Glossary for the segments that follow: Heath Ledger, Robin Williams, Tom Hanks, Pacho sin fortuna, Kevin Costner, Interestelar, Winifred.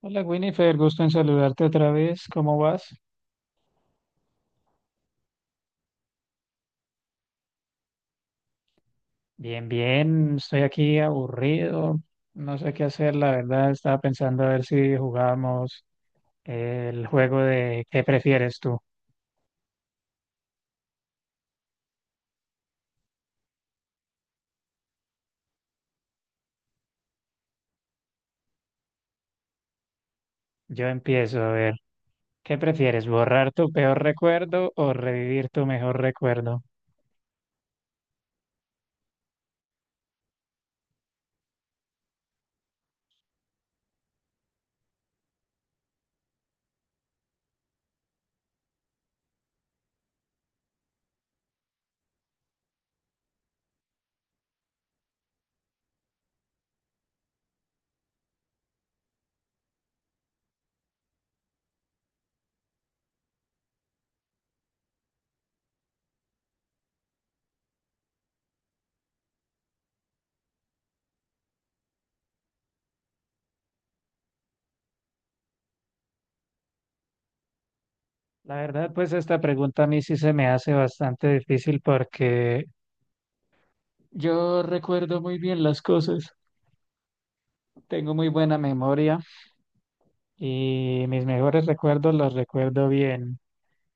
Hola Winifred, gusto en saludarte otra vez. ¿Cómo vas? Bien, bien, estoy aquí aburrido, no sé qué hacer, la verdad. Estaba pensando a ver si jugamos el juego de ¿qué prefieres tú? Yo empiezo a ver, ¿qué prefieres? ¿Borrar tu peor recuerdo o revivir tu mejor recuerdo? La verdad, pues esta pregunta a mí sí se me hace bastante difícil porque yo recuerdo muy bien las cosas, tengo muy buena memoria y mis mejores recuerdos los recuerdo bien.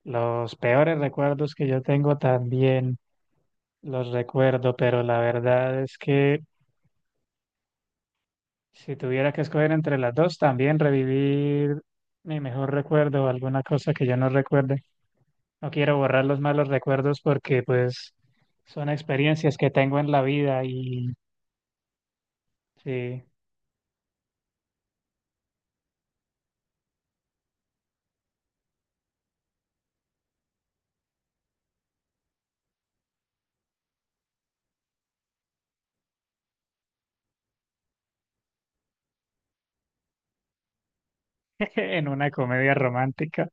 Los peores recuerdos que yo tengo también los recuerdo, pero la verdad es que si tuviera que escoger entre las dos, también revivir mi mejor recuerdo o alguna cosa que yo no recuerde. No quiero borrar los malos recuerdos porque pues son experiencias que tengo en la vida y sí, en una comedia romántica.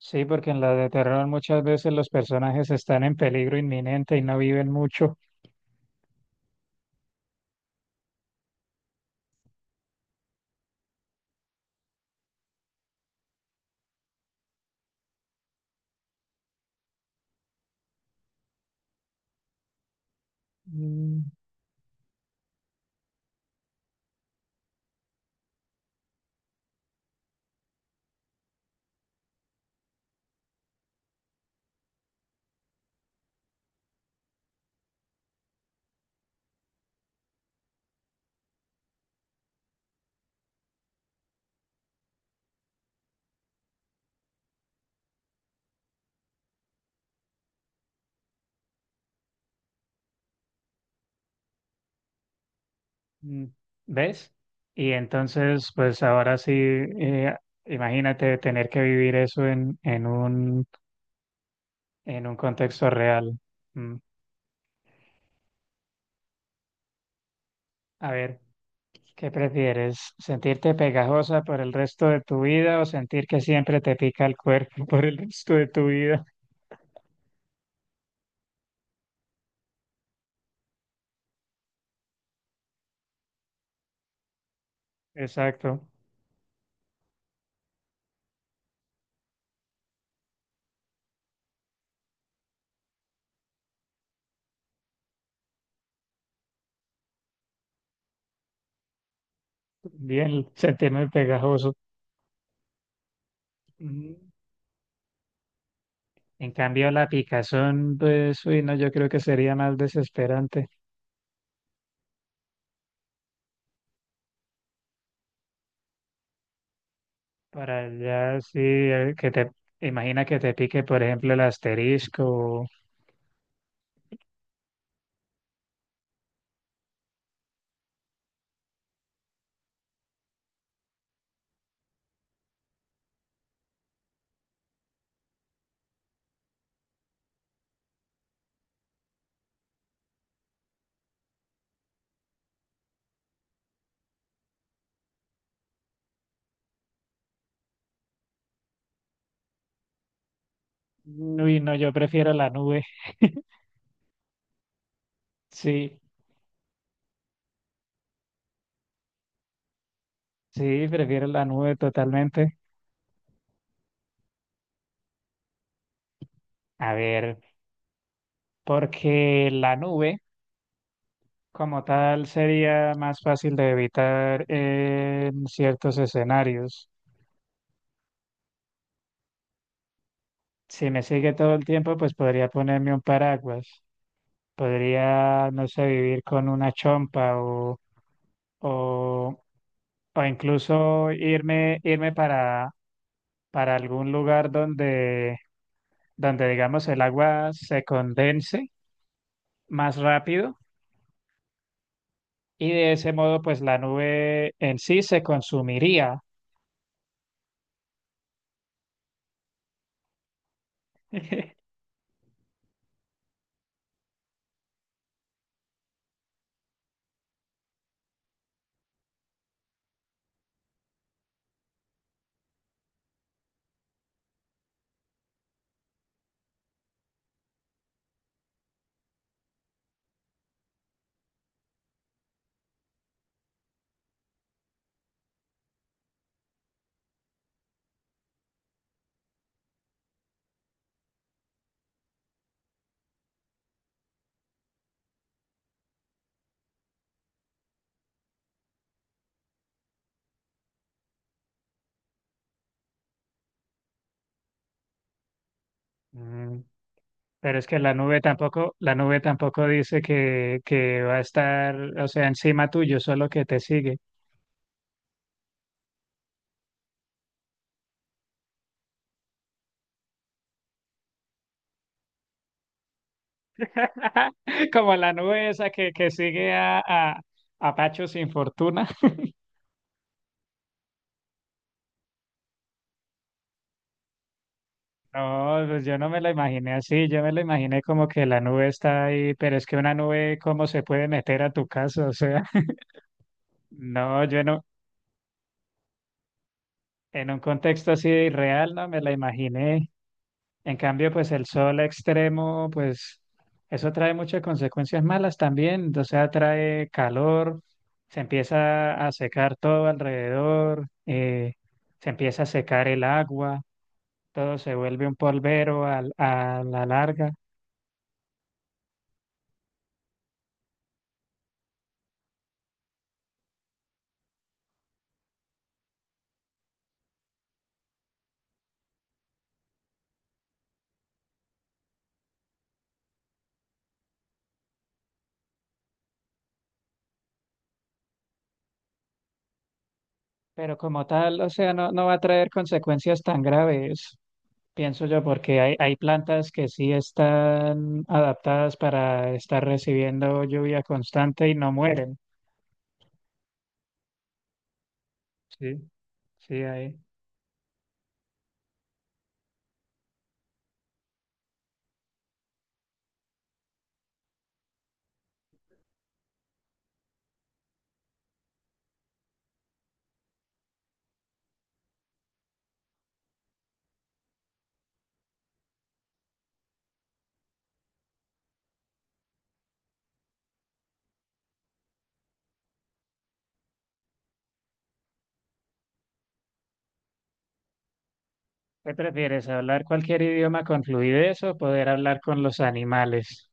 Sí, porque en la de terror muchas veces los personajes están en peligro inminente y no viven mucho. Mm, Mm, ¿Ves? Y entonces, pues ahora sí, imagínate tener que vivir eso en un contexto real. Mm. A ver, ¿qué prefieres? ¿Sentirte pegajosa por el resto de tu vida o sentir que siempre te pica el cuerpo por el resto de tu vida? Exacto. Bien, sentirme pegajoso. Mm. En cambio, la picazón, pues, uy, no, yo creo que sería más desesperante. Para allá sí, que te imagina que te pique, por ejemplo, el asterisco. Uy, no, yo prefiero la nube. Sí, sí, prefiero la nube totalmente. A ver, porque la nube como tal sería más fácil de evitar en ciertos escenarios. Si me sigue todo el tiempo, pues podría ponerme un paraguas. Podría, no sé, vivir con una chompa o, o incluso irme para algún lugar donde, donde digamos el agua se condense más rápido y de ese modo pues la nube en sí se consumiría. Mm. Pero es que la nube tampoco dice que va a estar, o sea, encima tuyo, solo que te sigue. Como la nube esa que sigue a Pacho sin fortuna. No, pues yo no me la imaginé así, yo me la imaginé como que la nube está ahí, pero es que una nube, ¿cómo se puede meter a tu casa? O sea, no, yo no, en un contexto así real no me la imaginé. En cambio, pues el sol extremo, pues eso trae muchas consecuencias malas también, o sea, trae calor, se empieza a secar todo alrededor, se empieza a secar el agua, todo se vuelve un polvero a la larga. Pero como tal, o sea, no, no va a traer consecuencias tan graves, pienso yo, porque hay plantas que sí están adaptadas para estar recibiendo lluvia constante y no mueren. Sí, sí, ahí. ¿Qué prefieres, hablar cualquier idioma con fluidez o poder hablar con los animales?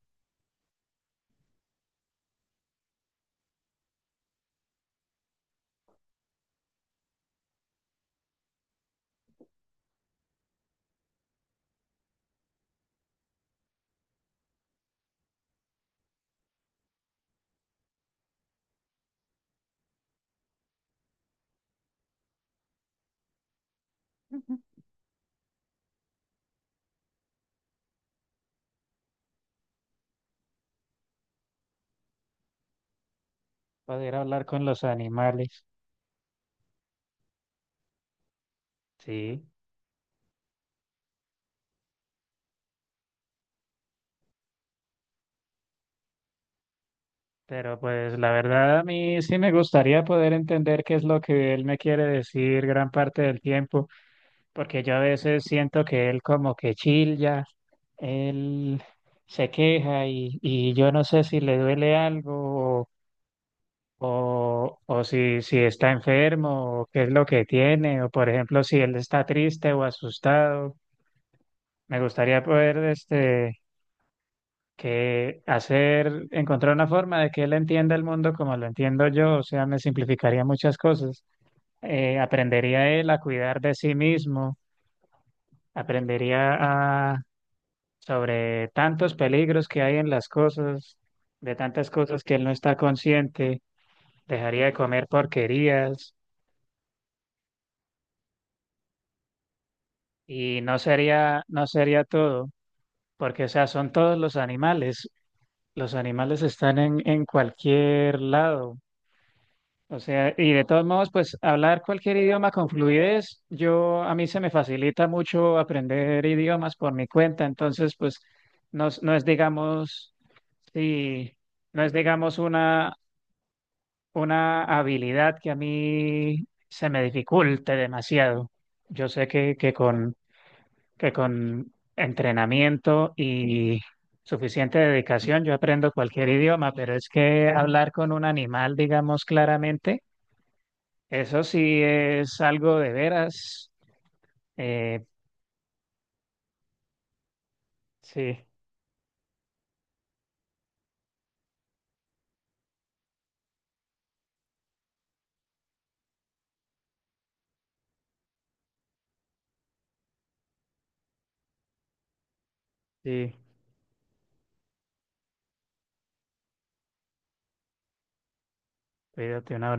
Poder hablar con los animales, sí. Pero pues la verdad a mí sí me gustaría poder entender qué es lo que él me quiere decir gran parte del tiempo. Porque yo a veces siento que él como que chilla, él se queja y yo no sé si le duele algo o si, si está enfermo o qué es lo que tiene, o por ejemplo si él está triste o asustado. Me gustaría poder este, que hacer, encontrar una forma de que él entienda el mundo como lo entiendo yo, o sea, me simplificaría muchas cosas. Aprendería él a cuidar de sí mismo, aprendería sobre tantos peligros que hay en las cosas, de tantas cosas que él no está consciente, dejaría de comer porquerías y no sería, no sería todo, porque o sea, son todos los animales están en cualquier lado. O sea, y de todos modos, pues hablar cualquier idioma con fluidez, yo a mí se me facilita mucho aprender idiomas por mi cuenta, entonces pues no, no es digamos, sí, no es digamos una habilidad que a mí se me dificulte demasiado. Yo sé que con entrenamiento y suficiente dedicación yo aprendo cualquier idioma, pero es que hablar con un animal, digamos claramente, eso sí es algo de veras. Eh, sí, sí, cuídate, un abrazo.